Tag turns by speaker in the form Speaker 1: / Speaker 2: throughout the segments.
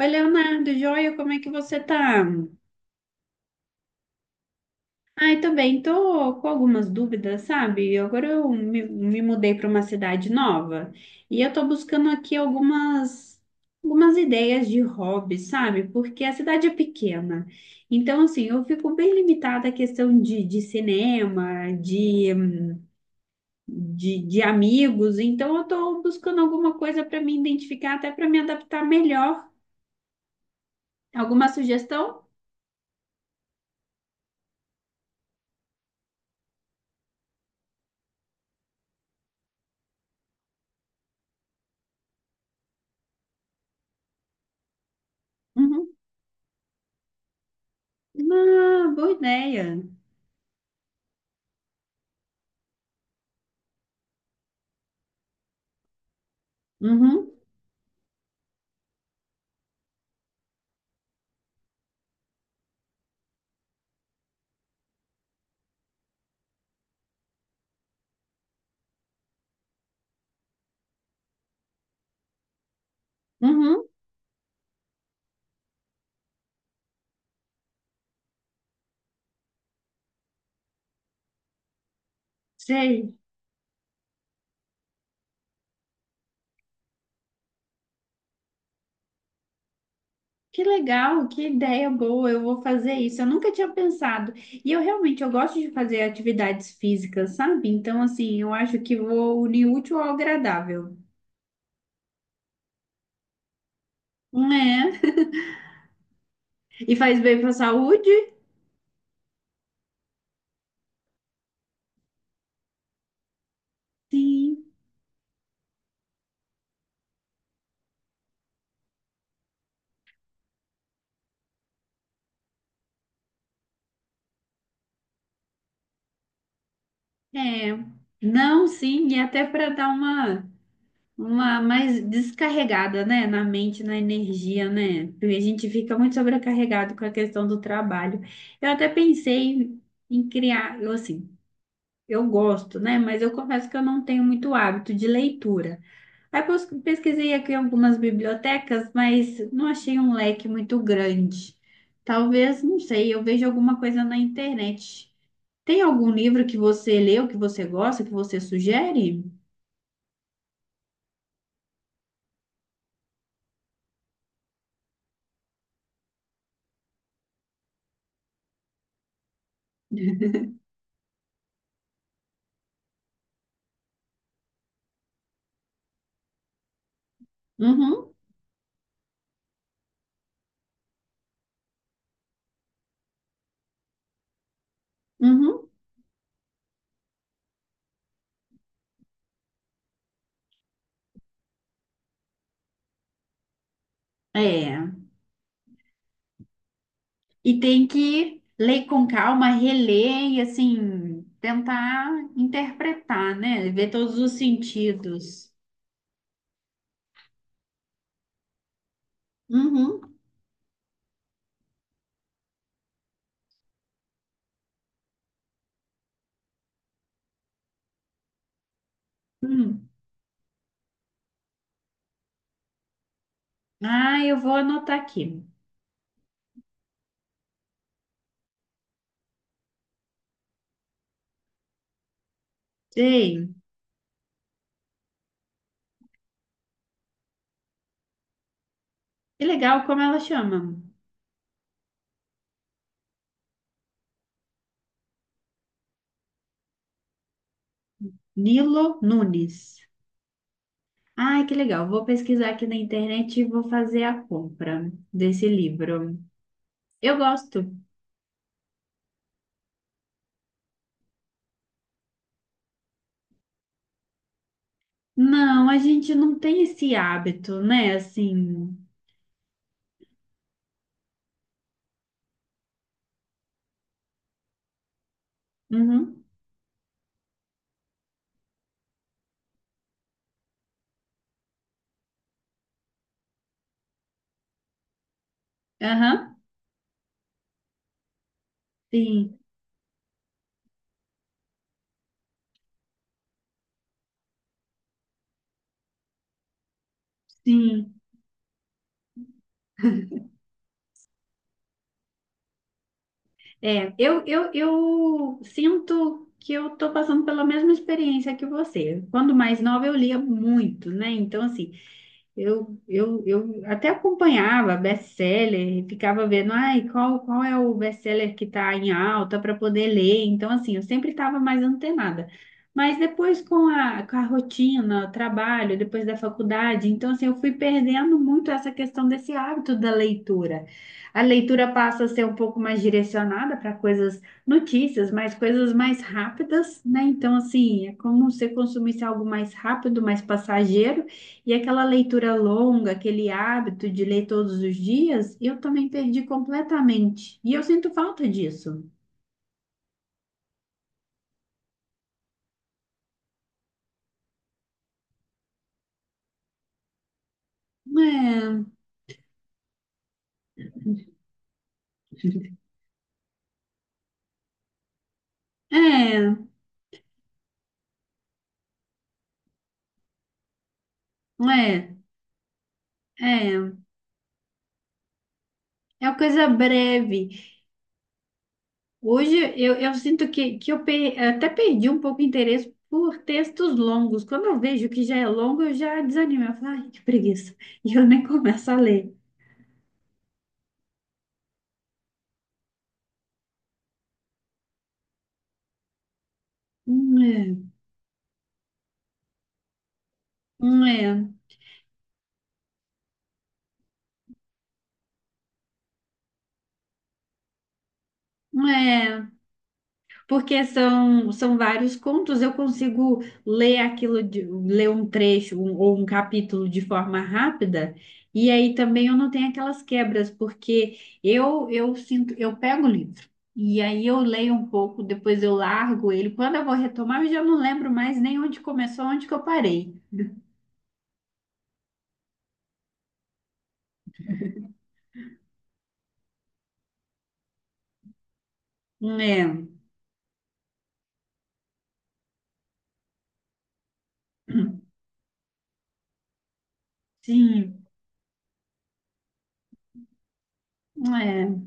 Speaker 1: Oi, Leonardo, joia, como é que você tá? Ai, tô bem, tô com algumas dúvidas, sabe? Agora eu me mudei para uma cidade nova e eu tô buscando aqui algumas ideias de hobby, sabe? Porque a cidade é pequena. Então, assim, eu fico bem limitada à questão de cinema, de amigos. Então, eu tô buscando alguma coisa para me identificar, até para me adaptar melhor. Alguma sugestão? Uhum. Ah, boa ideia. Uhum, uhum, sei. Que legal, que ideia boa. Eu vou fazer isso. Eu nunca tinha pensado. E eu realmente eu gosto de fazer atividades físicas, sabe? Então, assim, eu acho que vou unir o útil ao agradável. Né? E faz bem para a saúde? Sim. É. Não, sim, e até para dar uma mais descarregada, né, na mente, na energia, né? Porque a gente fica muito sobrecarregado com a questão do trabalho. Eu até pensei em criar, eu, assim, eu gosto, né? Mas eu confesso que eu não tenho muito hábito de leitura. Aí pesquisei aqui algumas bibliotecas, mas não achei um leque muito grande. Talvez, não sei, eu vejo alguma coisa na internet. Tem algum livro que você leu, que você gosta, que você sugere? Uhum, uhum. É. E tem que ler com calma, reler e assim, tentar interpretar, né? Ver todos os sentidos. Uhum. Ah, eu vou anotar aqui. Ei, que legal, como ela chama. Nilo Nunes. Ai, que legal. Vou pesquisar aqui na internet e vou fazer a compra desse livro. Eu gosto. Não, a gente não tem esse hábito, né? Assim. Uhum. Aham. Sim, sim. É, eu sinto que eu tô passando pela mesma experiência que você. Quando mais nova, eu lia muito, né? Então, assim. Eu até acompanhava best-seller, e ficava vendo, ai, qual é o best-seller que está em alta para poder ler. Então, assim, eu sempre estava mais antenada. Mas depois com a rotina, o trabalho, depois da faculdade, então, assim, eu fui perdendo muito essa questão desse hábito da leitura. A leitura passa a ser um pouco mais direcionada para coisas, notícias, mas coisas mais rápidas, né? Então, assim, é como se consumisse algo mais rápido, mais passageiro. E aquela leitura longa, aquele hábito de ler todos os dias, eu também perdi completamente. E eu sinto falta disso. É, é, é, é. É uma coisa breve. Hoje eu sinto que eu até perdi um pouco o interesse por textos longos. Quando eu vejo que já é longo, eu já desanimo. Eu falo, ai, que preguiça. E eu nem começo a ler. É, é, é. Porque são, são vários contos, eu consigo ler aquilo, de, ler um trecho ou um capítulo de forma rápida, e aí também eu não tenho aquelas quebras, porque eu sinto, eu pego o livro, e aí eu leio um pouco, depois eu largo ele. Quando eu vou retomar, eu já não lembro mais nem onde começou, onde que eu parei. É, sim, é.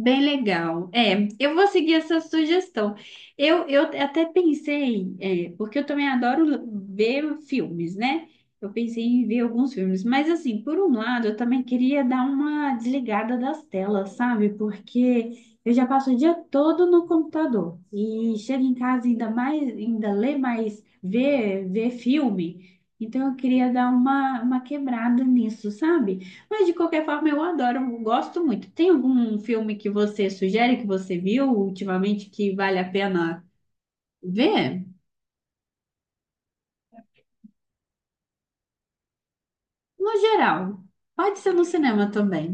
Speaker 1: Bem legal. É, eu vou seguir essa sugestão. Eu até pensei, é, porque eu também adoro ver filmes, né? Eu pensei em ver alguns filmes, mas assim, por um lado, eu também queria dar uma desligada das telas, sabe? Porque eu já passo o dia todo no computador e chego em casa ainda mais, ainda ler mais, ver, ver filme. Então eu queria dar uma quebrada nisso, sabe? Mas de qualquer forma eu adoro, eu gosto muito. Tem algum filme que você sugere que você viu ultimamente que vale a pena ver? No geral, pode ser no cinema também.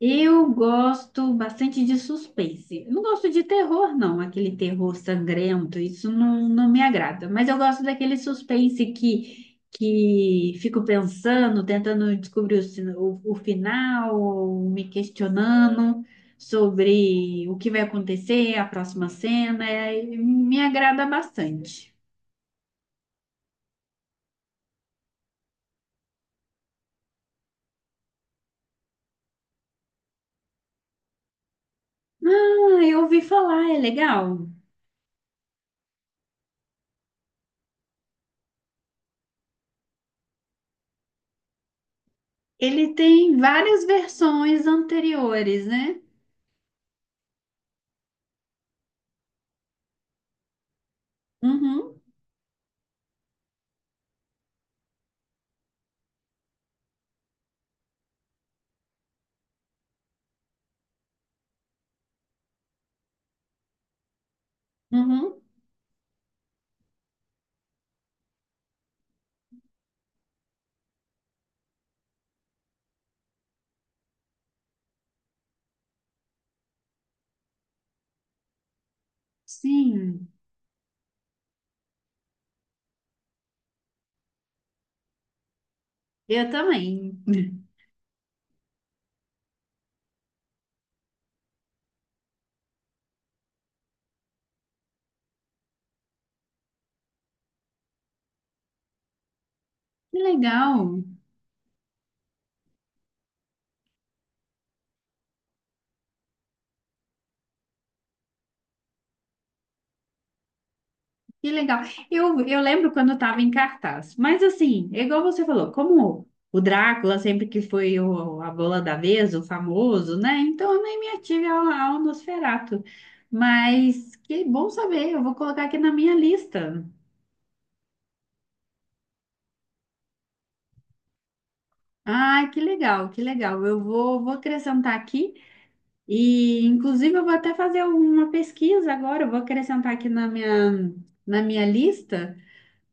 Speaker 1: Eu gosto bastante de suspense. Eu não gosto de terror, não, aquele terror sangrento, isso não, não me agrada. Mas eu gosto daquele suspense que fico pensando, tentando descobrir o, o final, ou me questionando sobre o que vai acontecer, a próxima cena. É- me agrada bastante. Ah, eu ouvi falar, é legal. Ele tem várias versões anteriores, né? Uhum, uhum. Sim, eu também. Que legal, que legal. Eu lembro quando estava em cartaz, mas assim, é igual você falou, como o Drácula sempre que foi a bola da vez, o famoso, né? Então eu nem me ative ao, ao Nosferatu. Mas que bom saber, eu vou colocar aqui na minha lista. Ah, que legal, que legal. Eu vou, vou acrescentar aqui e, inclusive, eu vou até fazer uma pesquisa agora. Eu vou acrescentar aqui na minha lista,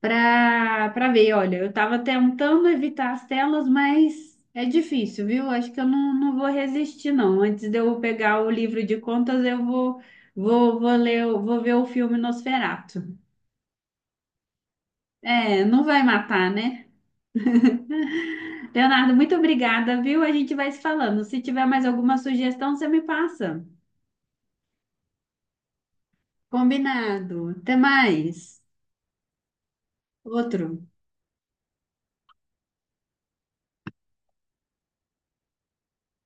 Speaker 1: para para ver. Olha, eu estava tentando evitar as telas, mas é difícil, viu? Acho que eu não, não vou resistir, não. Antes de eu pegar o livro de contas, eu vou vou, vou ler, vou ver o filme Nosferatu. É, não vai matar, né? Leonardo, muito obrigada, viu? A gente vai se falando. Se tiver mais alguma sugestão, você me passa. Combinado. Até mais. Outro.